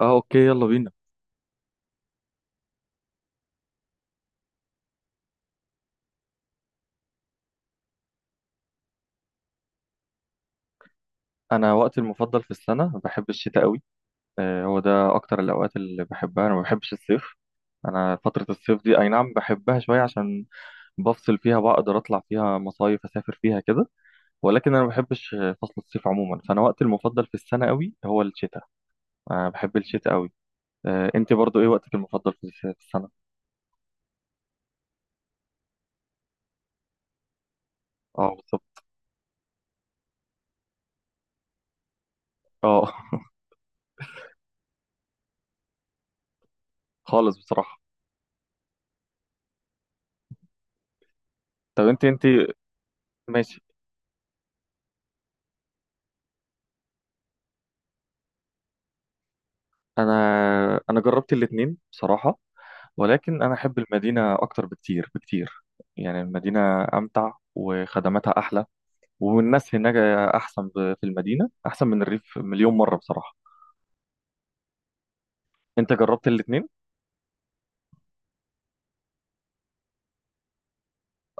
اه اوكي، يلا بينا. انا وقتي المفضل في السنه، بحب الشتاء قوي. هو ده اكتر الاوقات اللي بحبها. انا ما بحبش الصيف. انا فتره الصيف دي، اي نعم بحبها شويه، عشان بفصل فيها، بقدر اطلع فيها مصايف، اسافر فيها كده. ولكن انا ما بحبش فصل الصيف عموما. فانا وقتي المفضل في السنه قوي هو الشتاء. انا بحب الشتاء قوي. انت برضو ايه وقتك المفضل في السنه؟ اه، بالظبط. اه. خالص بصراحه. طب انت ماشي. انا انا جربت الاتنين بصراحه. ولكن أنا أحب المدينة أكتر بكتير بكتير. يعني المدينة أمتع، وخدماتها أحلى، والناس هناك أحسن. في المدينة أحسن من الريف مليون مرة بصراحة. أنت جربت الاتنين؟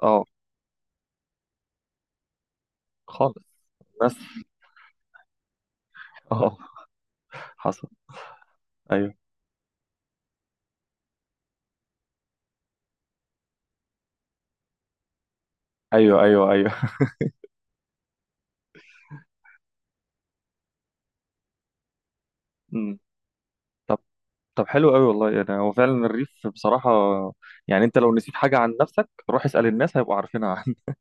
أه، خالص. الناس أه. حصل. أيوه، أيوه، أيوه، أيوه. أمم. طب طب حلو أوي والله. يعني هو فعلا الريف بصراحة، يعني أنت لو نسيت حاجة عن نفسك، روح اسأل الناس هيبقوا عارفينها عنك.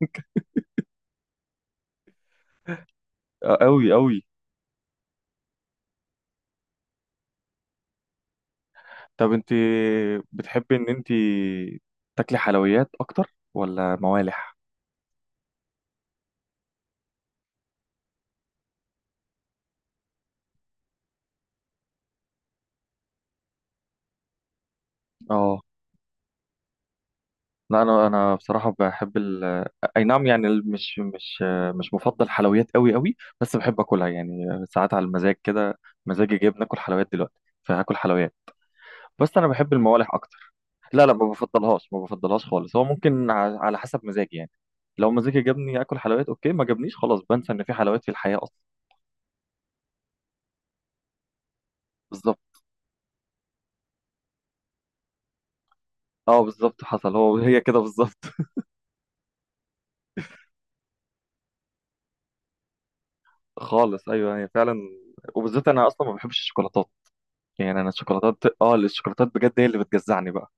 أوي أوي. طب انت بتحبي ان انت تاكلي حلويات اكتر ولا موالح؟ اه. لا، انا بصراحه بحب اي نعم. يعني مش مفضل حلويات قوي قوي، بس بحب اكلها يعني ساعات على المزاج كده. مزاجي جايب ناكل حلويات دلوقتي، فهاكل حلويات. بس انا بحب الموالح اكتر. لا، لا، ما بفضلهاش ما بفضلهاش خالص. هو ممكن على حسب مزاجي يعني. لو مزاجي جابني اكل حلويات اوكي، ما جابنيش خلاص بنسى ان في حلويات في الحياه اصلا. بالظبط. اه، بالظبط، حصل. هو هي كده بالظبط. خالص، ايوه، هي فعلا. وبالذات انا اصلا ما بحبش الشوكولاتات. يعني انا الشوكولاتات، الشوكولاتات بجد هي اللي بتجزعني بقى.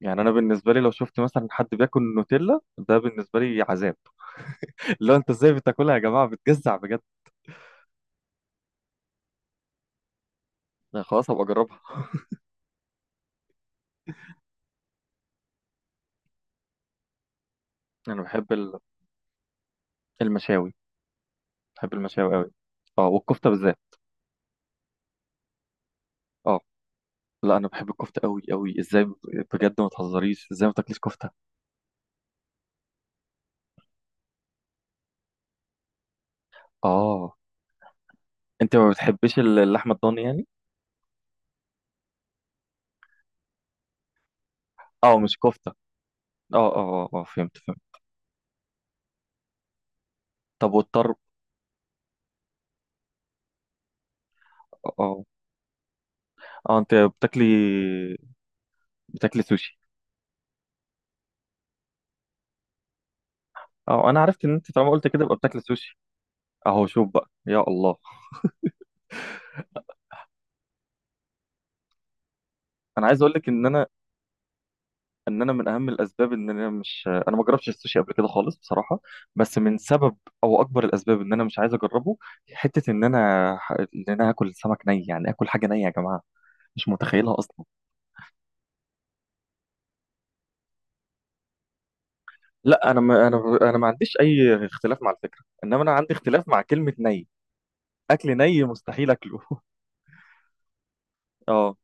يعني انا بالنسبه لي لو شفت مثلا حد بياكل نوتيلا، ده بالنسبه لي عذاب. لو انت ازاي بتاكلها يا جماعه؟ بتجزع بجد. أنا خلاص هبقى اجربها. انا بحب المشاوي. بحب المشاوي قوي. اه، والكفته بالذات. اه. لا، انا بحب الكفته قوي قوي. بجد ما تهزريش، ازاي ما تاكليش كفته! اه. انت ما بتحبيش اللحمه الضاني يعني؟ اه، مش كفته. اه، اه، اه، آه، فهمت فهمت. طب والطرب؟ اه، آه. اه، انت بتاكلي سوشي؟ اه، انا عرفت ان انت طالما قلت كده يبقى بتاكلي سوشي. اهو، شوف بقى يا الله. انا عايز اقول لك ان انا، ان انا من اهم الاسباب ان انا مش انا ما جربتش السوشي قبل كده خالص بصراحه. بس من سبب، او اكبر الاسباب ان انا مش عايز اجربه، حته ان انا ان انا هاكل سمك ني، يعني اكل حاجه نيه يا جماعه، مش متخيلها اصلا. لا، انا ما انا انا ما عنديش اي اختلاف مع الفكره، انما انا عندي اختلاف مع كلمه ني. اكل ني مستحيل اكله. اه،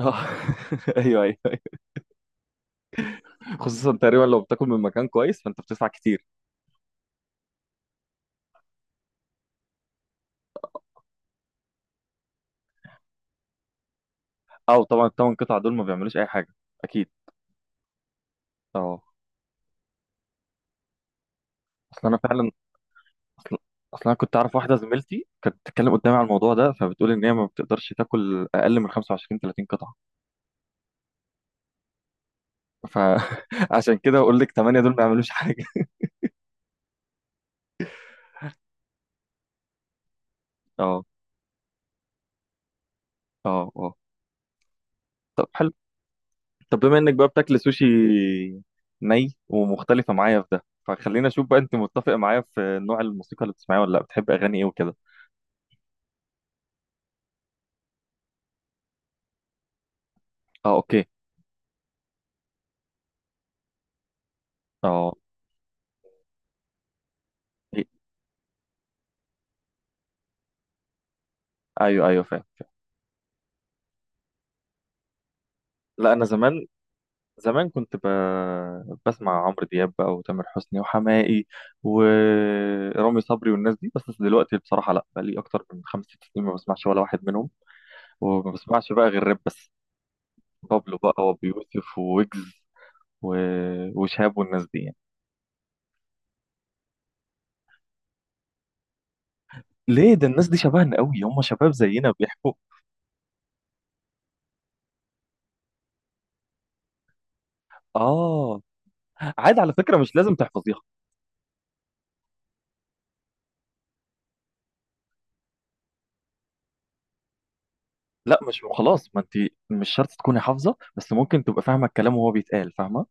اه. ايوه، ايوه. خصوصا تقريبا لو بتاكل من مكان كويس فانت بتدفع كتير. او طبعا الثمان قطع دول ما بيعملوش اي حاجه. اكيد. اه. اصل انا فعلا اصل اصل انا كنت اعرف واحده زميلتي كانت بتتكلم قدامي على الموضوع ده، فبتقول ان هي ما بتقدرش تاكل اقل من 25 30 قطعه. فعشان كده اقول لك 8 دول ما بيعملوش حاجه. اه، اه، اه. طب حلو. طب بما انك بقى بتاكل سوشي ني، ومختلفه معايا في ده، فخلينا اشوف بقى انت متفق معايا في نوع الموسيقى اللي بتسمعيها ولا لا. بتحب اغاني ايه وكده؟ اه، اوكي. اه، إيه. ايوه، ايوه، فاهم. لا، زمان كنت بسمع عمرو دياب بقى، وتامر حسني، وحماقي، ورامي صبري، والناس دي. بس دلوقتي بصراحه لا، بقى لي اكتر من خمس ست سنين ما بسمعش ولا واحد منهم. وما بسمعش بقى غير راب بس. بابلو بقى، وابي يوسف، وويجز، و... وشهاب، والناس دي يعني. ليه؟ ده الناس دي شبهنا قوي، هم شباب زينا بيحكوا. اه، عادي على فكره، مش لازم تحفظيها. لا مش خلاص، ما انت مش شرط تكوني حافظه، بس ممكن تبقى فاهمه الكلام وهو بيتقال، فاهمه.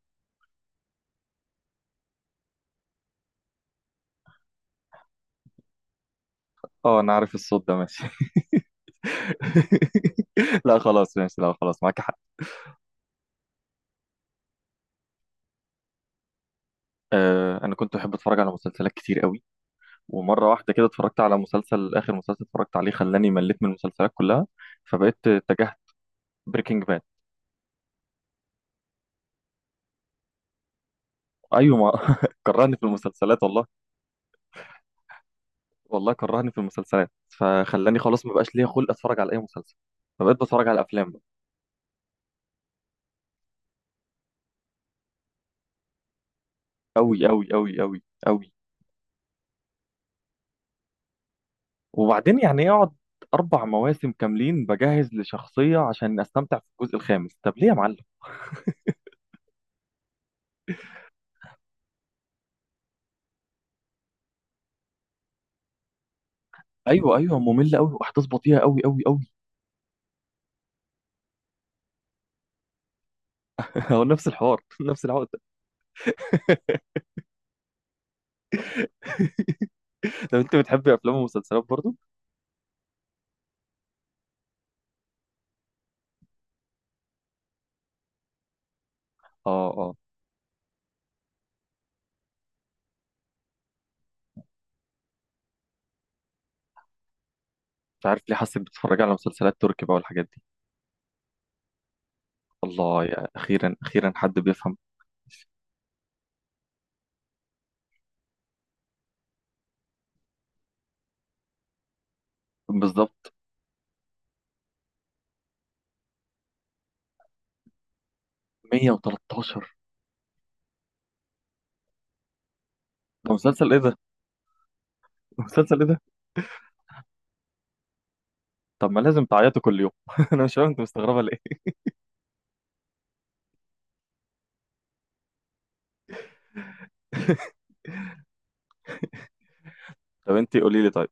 اه، انا عارف الصوت ده، ماشي. لا خلاص، ماشي، لا خلاص معاك حق. آه، انا كنت بحب اتفرج على مسلسلات كتير قوي. ومره واحده كده اتفرجت على مسلسل، اخر مسلسل اتفرجت عليه خلاني مليت من المسلسلات كلها، فبقيت اتجهت. بريكنج باد. ايوه، ما كرهني في المسلسلات والله. والله كرهني في المسلسلات، فخلاني خلاص ما بقاش ليا خلق اتفرج على اي مسلسل، فبقيت بتفرج على افلام. قوي قوي قوي قوي قوي. وبعدين يعني اقعد اربع مواسم كاملين بجهز لشخصيه عشان استمتع في الجزء الخامس، طب ليه يا معلم؟ ايوه، ايوه، ممله قوي، واحداث بطيئه قوي قوي قوي. هو نفس الحوار، نفس العقده. لو انت بتحبي افلام ومسلسلات برضو. اه، اه. مش عارف ليه حاسس إنك بتتفرج على مسلسلات تركي بقى والحاجات دي. الله، يا اخيرا، اخيرا حد بيفهم. بالظبط. 113؟ ده مسلسل ايه ده؟ مسلسل ايه ده؟ طب ما لازم تعيطوا كل يوم. انا مش فاهم انت مستغربه ليه. طب انت قولي لي طيب،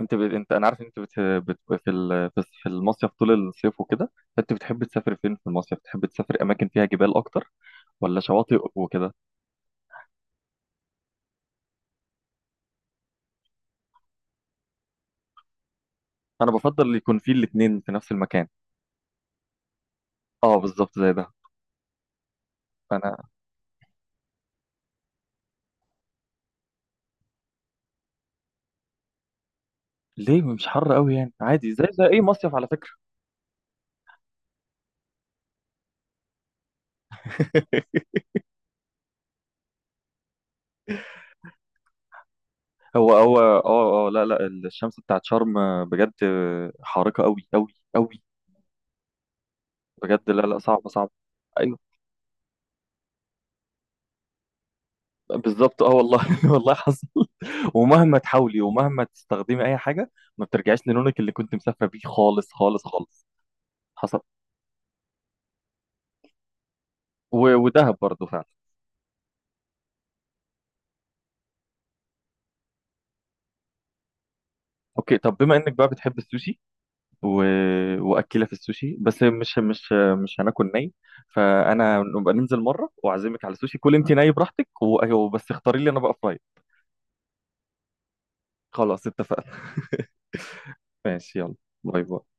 انت انا عارف انت في في المصيف طول الصيف وكده، انت بتحب تسافر فين في المصيف؟ بتحب تسافر اماكن فيها جبال اكتر ولا شواطئ وكده؟ انا بفضل يكون في الاتنين في نفس المكان. اه، بالظبط زي ده. فانا، ليه؟ مش حر قوي يعني، عادي زي اي مصيف على فكرة. هو، اه، اه، لا، لا، الشمس بتاعت شرم بجد حارقة قوي قوي قوي. بجد لا، لا، صعبة صعبة. ايوه. بالظبط، اه والله، والله حصل. ومهما تحاولي، ومهما تستخدمي اي حاجة، ما بترجعيش للونك اللي كنت مسافرة بيه خالص خالص خالص. حصل. ودهب برضه فعلا. اوكي. طب بما انك بقى بتحب السوشي و... واكله، في السوشي بس، مش هناكل ني. فانا نبقى ننزل مره، واعزمك على السوشي، كل انت ني براحتك، وبس اختاري لي انا بقى فراي. خلاص، اتفقنا. ماشي، يلا، باي باي.